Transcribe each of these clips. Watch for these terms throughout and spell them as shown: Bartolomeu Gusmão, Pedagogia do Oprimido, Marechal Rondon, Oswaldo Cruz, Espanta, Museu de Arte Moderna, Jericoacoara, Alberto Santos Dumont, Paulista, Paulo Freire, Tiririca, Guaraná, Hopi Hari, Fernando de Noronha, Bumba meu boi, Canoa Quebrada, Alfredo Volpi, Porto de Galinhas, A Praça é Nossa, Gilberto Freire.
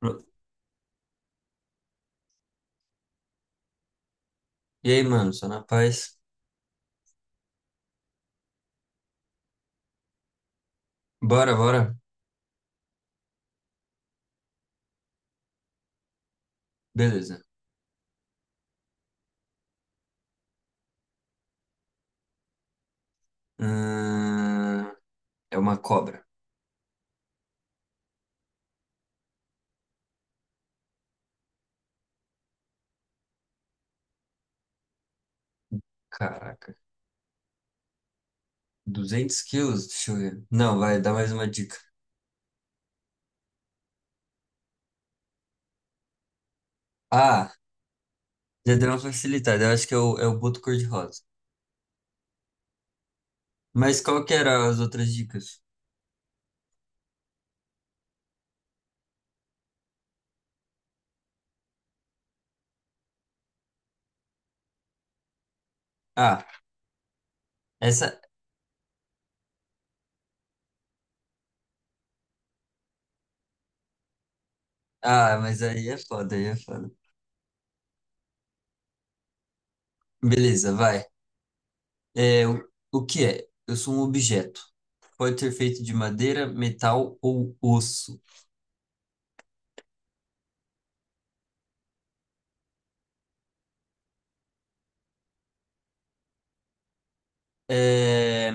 Pro- E aí, mano, só na paz. Bora, bora. Beleza. Ahn, é uma cobra. Caraca. Duzentos quilos? Deixa eu ver. Não, vai, dá mais uma dica. Ah, já deu uma facilitada. Eu acho que é o boto cor-de-rosa. Mas qual que eram as outras dicas? Ah, essa. Ah, mas aí é foda, aí é foda. Beleza, vai. É, o, o que é? Eu sou um objeto. Pode ser feito de madeira, metal ou osso. É,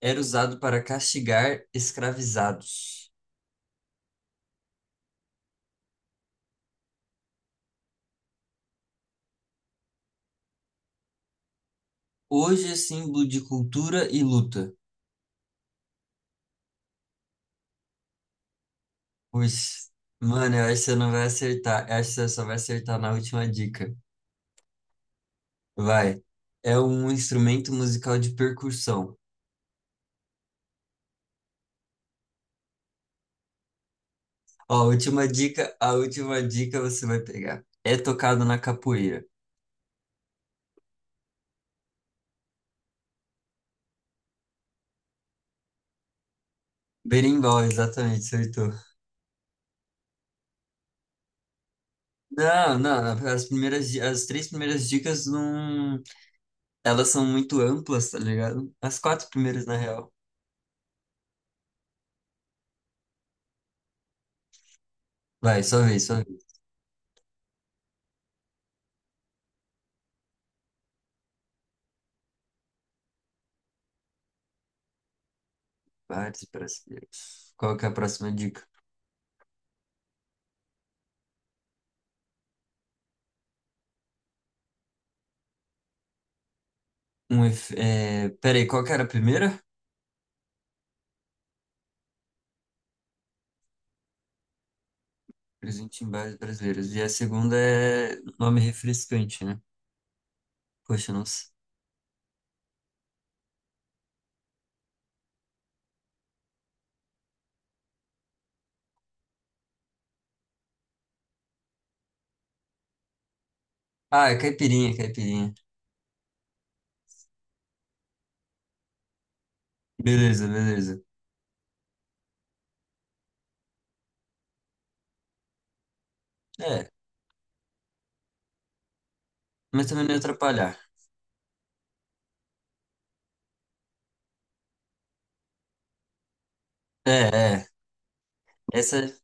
Era usado para castigar escravizados. Hoje é símbolo de cultura e luta. Pois, mano, eu acho que você não vai acertar. Eu acho que você só vai acertar na última dica. Vai. É um instrumento musical de percussão. Ó, a última dica você vai pegar. É tocado na capoeira. Berimbau, exatamente, acertou. Não, não, as três primeiras dicas não, elas são muito amplas, tá ligado? As quatro primeiras, na real. Vai, só vez, só vez. Vários brasileiros. Qual que é a próxima dica? Peraí, qual que era a primeira? Presente em bares brasileiros. E a segunda é nome refrescante, né? Poxa, não sei. Ah, é caipirinha, caipirinha. Beleza, beleza. É, mas também não ia atrapalhar. É, é. Essa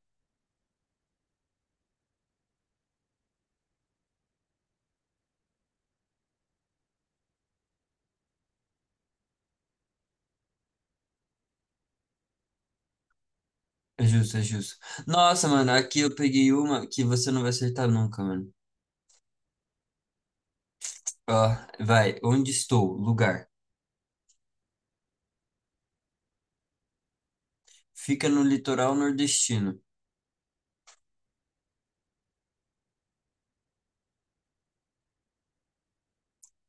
É justo, é justo. Nossa, mano, aqui eu peguei uma que você não vai acertar nunca, mano. Ó, vai. Onde estou? Lugar. Fica no litoral nordestino.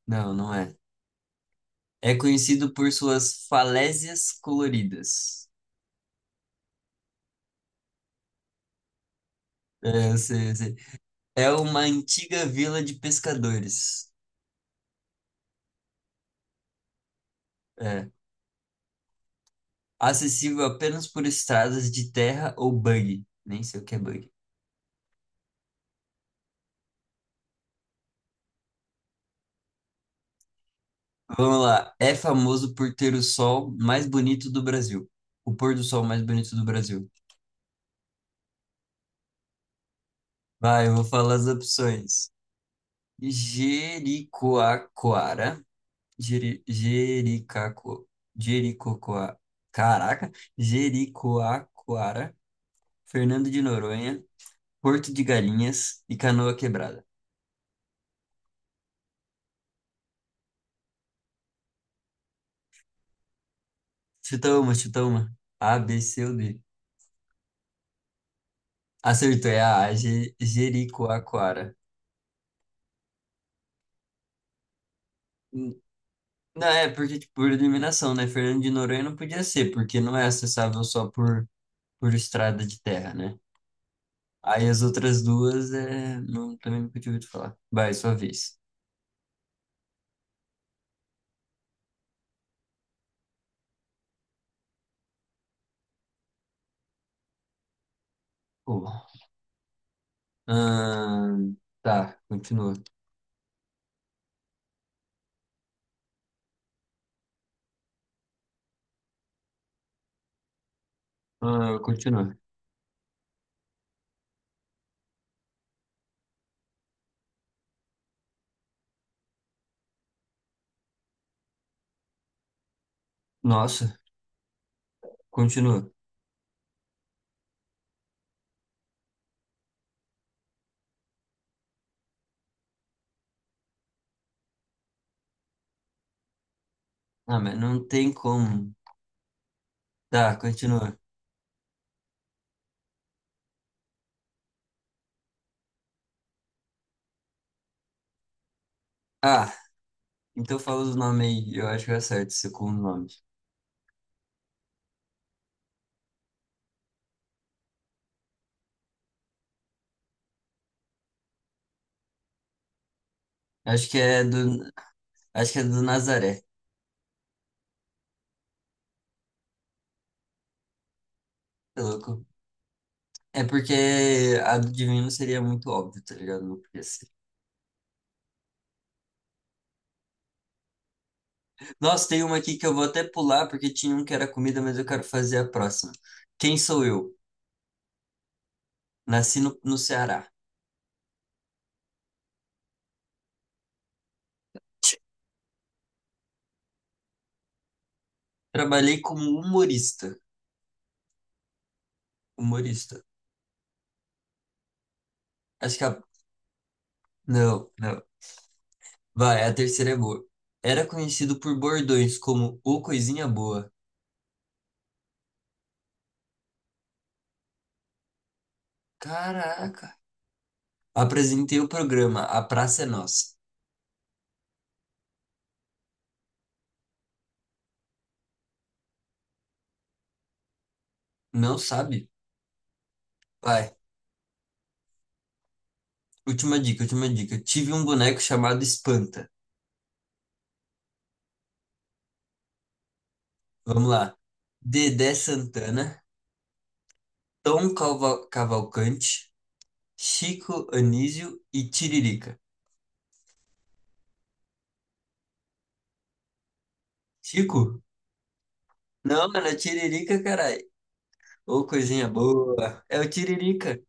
Não, não é. É conhecido por suas falésias coloridas. É, eu sei, eu sei. É uma antiga vila de pescadores. É. Acessível apenas por estradas de terra ou buggy. Nem sei o que é buggy. Vamos lá. É famoso por ter o sol mais bonito do Brasil. O pôr do sol mais bonito do Brasil. Vai, eu vou falar as opções. Jericoacoara. Jeri, Jericaco, Jericocoa. Caraca! Jericoacoara. Fernando de Noronha, Porto de Galinhas e Canoa Quebrada. Chuta uma, chuta uma. A, B, C ou D. Acertou, é a A, Jericoacoara. Hum, Não, é porque, tipo, por eliminação, né? Fernando de Noronha não podia ser, porque não é acessável só por, estrada de terra, né? Aí as outras duas, não, também nunca tinha ouvido falar. Vai, sua vez. Oh. Ahn, tá, continua. Ah, continua. Nossa, continua. Ah, mas não tem como. Tá, continua. Ah, então fala os nomes aí. Eu acho que eu acerto esse com o nome. Acho que é do, acho que é do Nazaré. Tá louco? É porque a do Divino seria muito óbvio, tá ligado? Não podia ser. Nossa, tem uma aqui que eu vou até pular porque tinha um que era comida, mas eu quero fazer a próxima. Quem sou eu? Nasci no Ceará. Trabalhei como humorista. Humorista. Acho que a. Não, não. Vai, a terceira é boa. Era conhecido por bordões como o Coisinha Boa. Caraca. Apresentei o programa A Praça é Nossa. Não sabe? Vai. Última dica, última dica. Tive um boneco chamado Espanta. Vamos lá. Dedé Santana, Tom Cavalcante, Chico Anísio e Tiririca. Chico? Não, mano, é Tiririca, caralho. Ô, coisinha boa. É o Tiririca.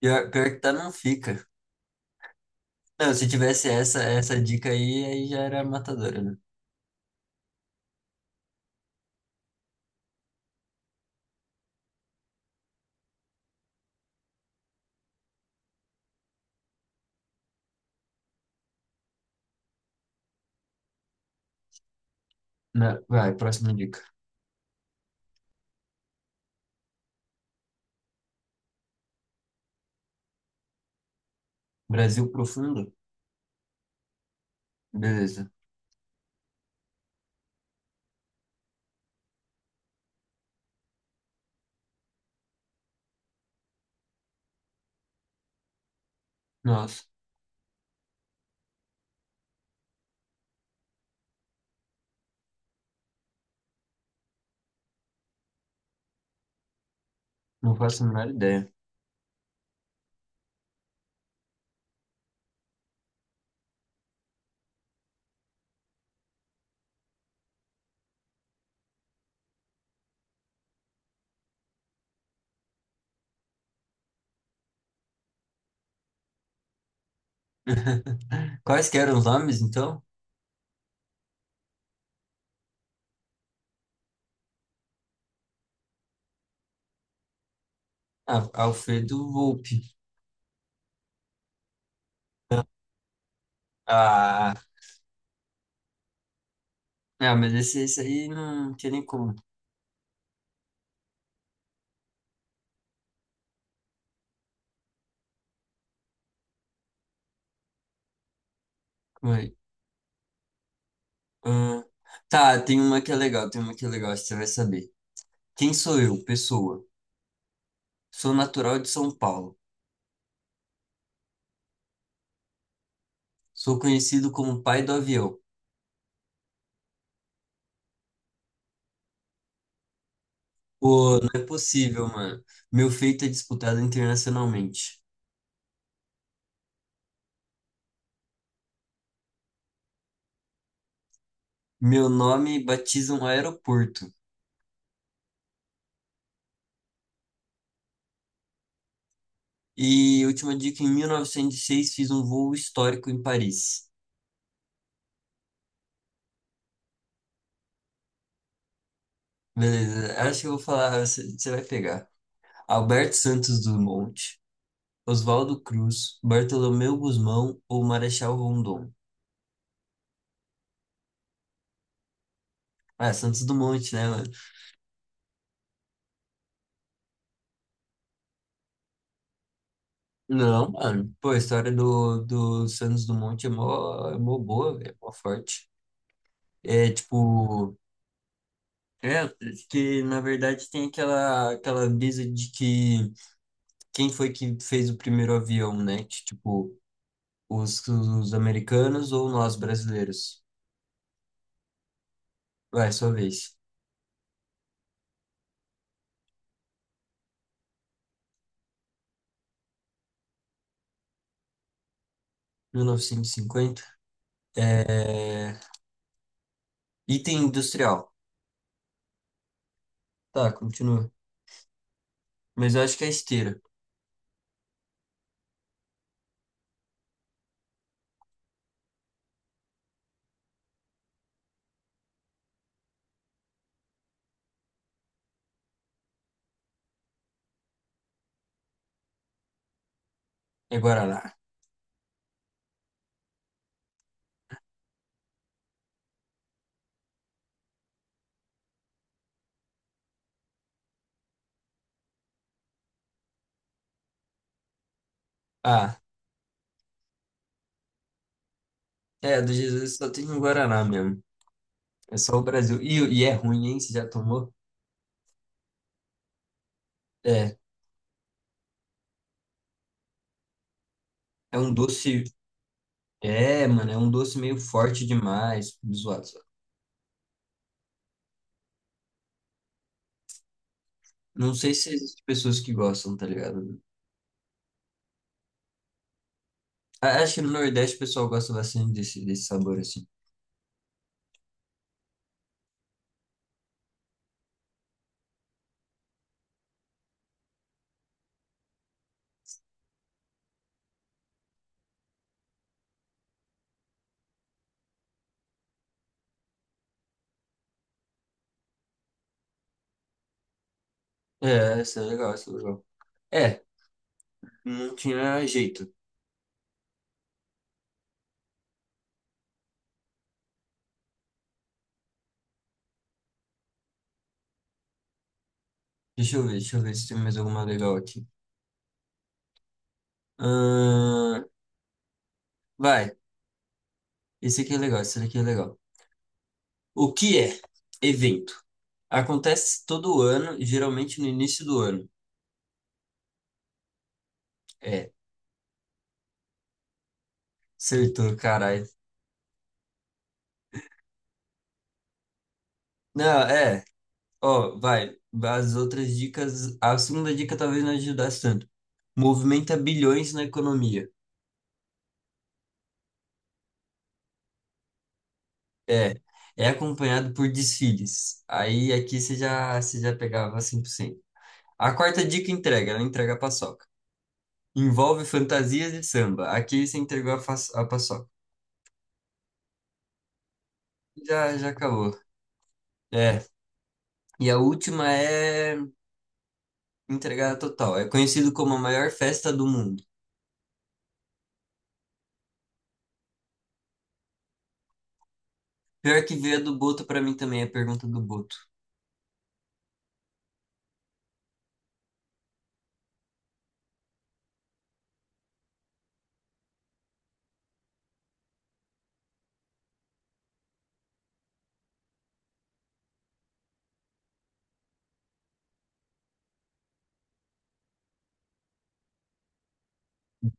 Pior, pior que tá, não fica. Não, se tivesse essa dica aí, aí já era matadora, né? Não, vai, próxima dica. Brasil profundo? Beleza. Nossa. Não faço a menor ideia. Quais que eram os nomes, então? Ah, Alfredo Volpi. Ah, ah, mas esse aí não tinha nem como. Calma aí. Ah, tá, tem uma que é legal, tem uma que é legal, acho que você vai saber. Quem sou eu, pessoa? Sou natural de São Paulo. Sou conhecido como pai do avião. Pô, não é possível, mano. Meu feito é disputado internacionalmente. Meu nome batiza um aeroporto. E última dica, em 1906 fiz um voo histórico em Paris. Beleza, acho que eu vou falar, você vai pegar. Alberto Santos Dumont, Oswaldo Cruz, Bartolomeu Gusmão ou Marechal Rondon? Ah, Santos Dumont, né, mano? Não, mano. Pô, a história do Santos Dumont é mó boa, velho, é mó forte. É tipo. É, que na verdade tem aquela brisa de que quem foi que fez o primeiro avião, né? Que, tipo, os americanos ou nós brasileiros? Vai, sua vez. 1950. É... Item industrial. Tá, continua. Mas eu acho que é esteira. É Guaraná. Ah, é, do Jesus só tem um Guaraná mesmo. É só o Brasil. E é ruim, hein? Você já tomou? É, é um doce. É, mano, é um doce meio forte demais. Zoado, zoado. Não sei se existem pessoas que gostam, tá ligado? Acho que no Nordeste o pessoal gosta bastante desse, sabor assim. É, essa é legal, essa é legal. É, não tinha jeito. Deixa eu ver se tem mais alguma legal aqui. Ahn, vai, esse aqui é legal, esse aqui é legal. O que é evento? Acontece todo ano, geralmente no início do ano. É, acertou, caralho. Não, é, ó, vai. As outras dicas, a segunda dica talvez não ajudasse tanto. Movimenta bilhões na economia. É, é acompanhado por desfiles. Aí aqui você já pegava 100%. A quarta dica entrega, ela entrega a paçoca. Envolve fantasias e samba. Aqui você entregou a paçoca. Já, já acabou. É. E a última é entregada total. É conhecido como a maior festa do mundo. Pior que veio a do Boto pra mim também, a pergunta do Boto.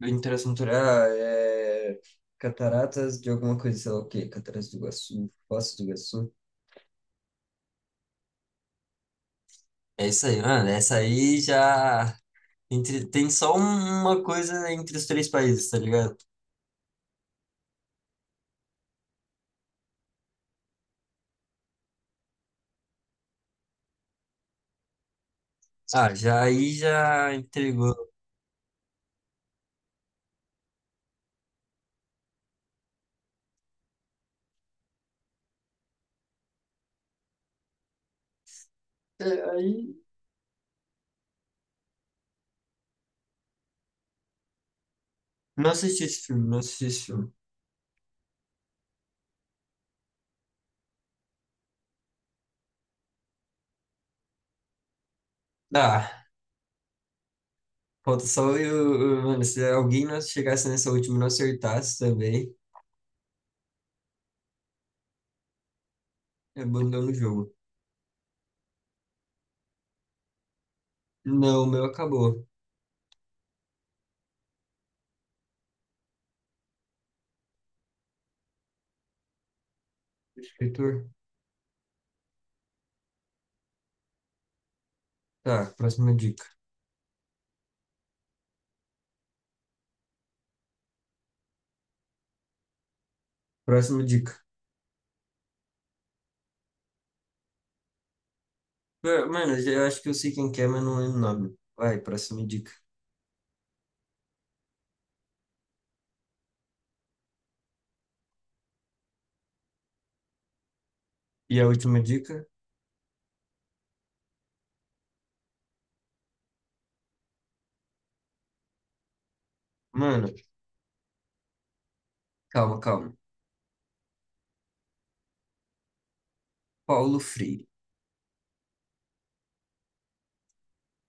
Interação cultural é cataratas de alguma coisa, sei lá o quê? Cataratas do Iguaçu, Foz do Iguaçu. É isso aí, mano. Essa aí já tem só uma coisa entre os três países, tá ligado? Ah, já aí já entregou. É, aí não assisti esse filme, não assisti esse filme. Ah, falta só eu, mano, se alguém não chegasse nessa última e não acertasse também, abandona o jogo. Não, o meu acabou. Escritor. Tá, próxima dica. Próxima dica. Pô, mano, eu acho que eu sei quem que é, mas não lembro o nome. Vai, próxima dica. E a última dica? Mano, calma, calma. Paulo Freire.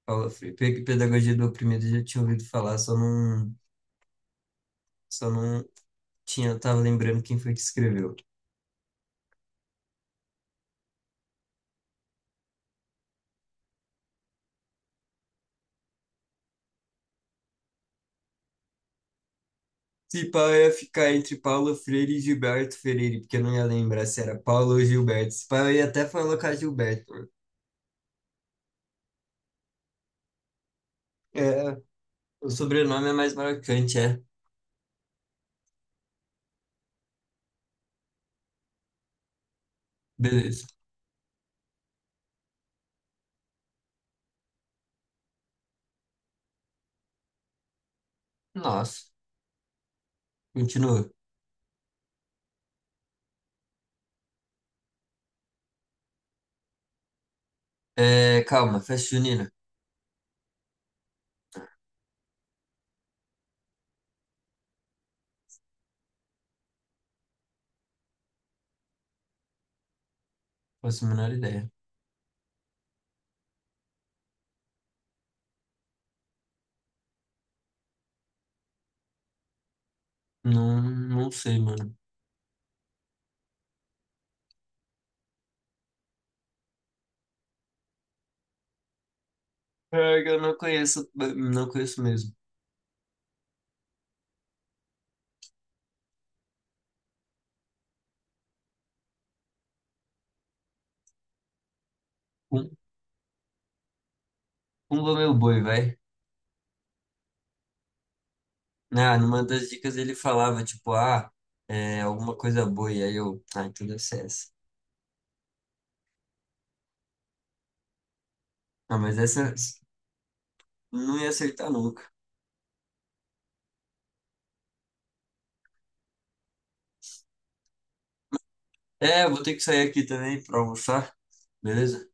Paulo Freire. Pedagogia do Oprimido, eu já tinha ouvido falar, só não tinha, tava lembrando quem foi que escreveu. Se pá, eu ia ficar entre Paulo Freire e Gilberto Freire, porque eu não ia lembrar se era Paulo ou Gilberto. Se pá, eu ia até colocar Gilberto. É, o sobrenome é mais marcante, é. Beleza. Nossa, continua. É, calma, festa junina. Faço a menor ideia. Não, não sei, mano. É, que eu não conheço, não conheço mesmo. Pum- Pumba Meu Boi, vai. Ah, numa das dicas ele falava, tipo, ah, é alguma coisa boi. Aí então deve ser essa. Ah, mas essa não ia acertar nunca. É, eu vou ter que sair aqui também pra almoçar, beleza?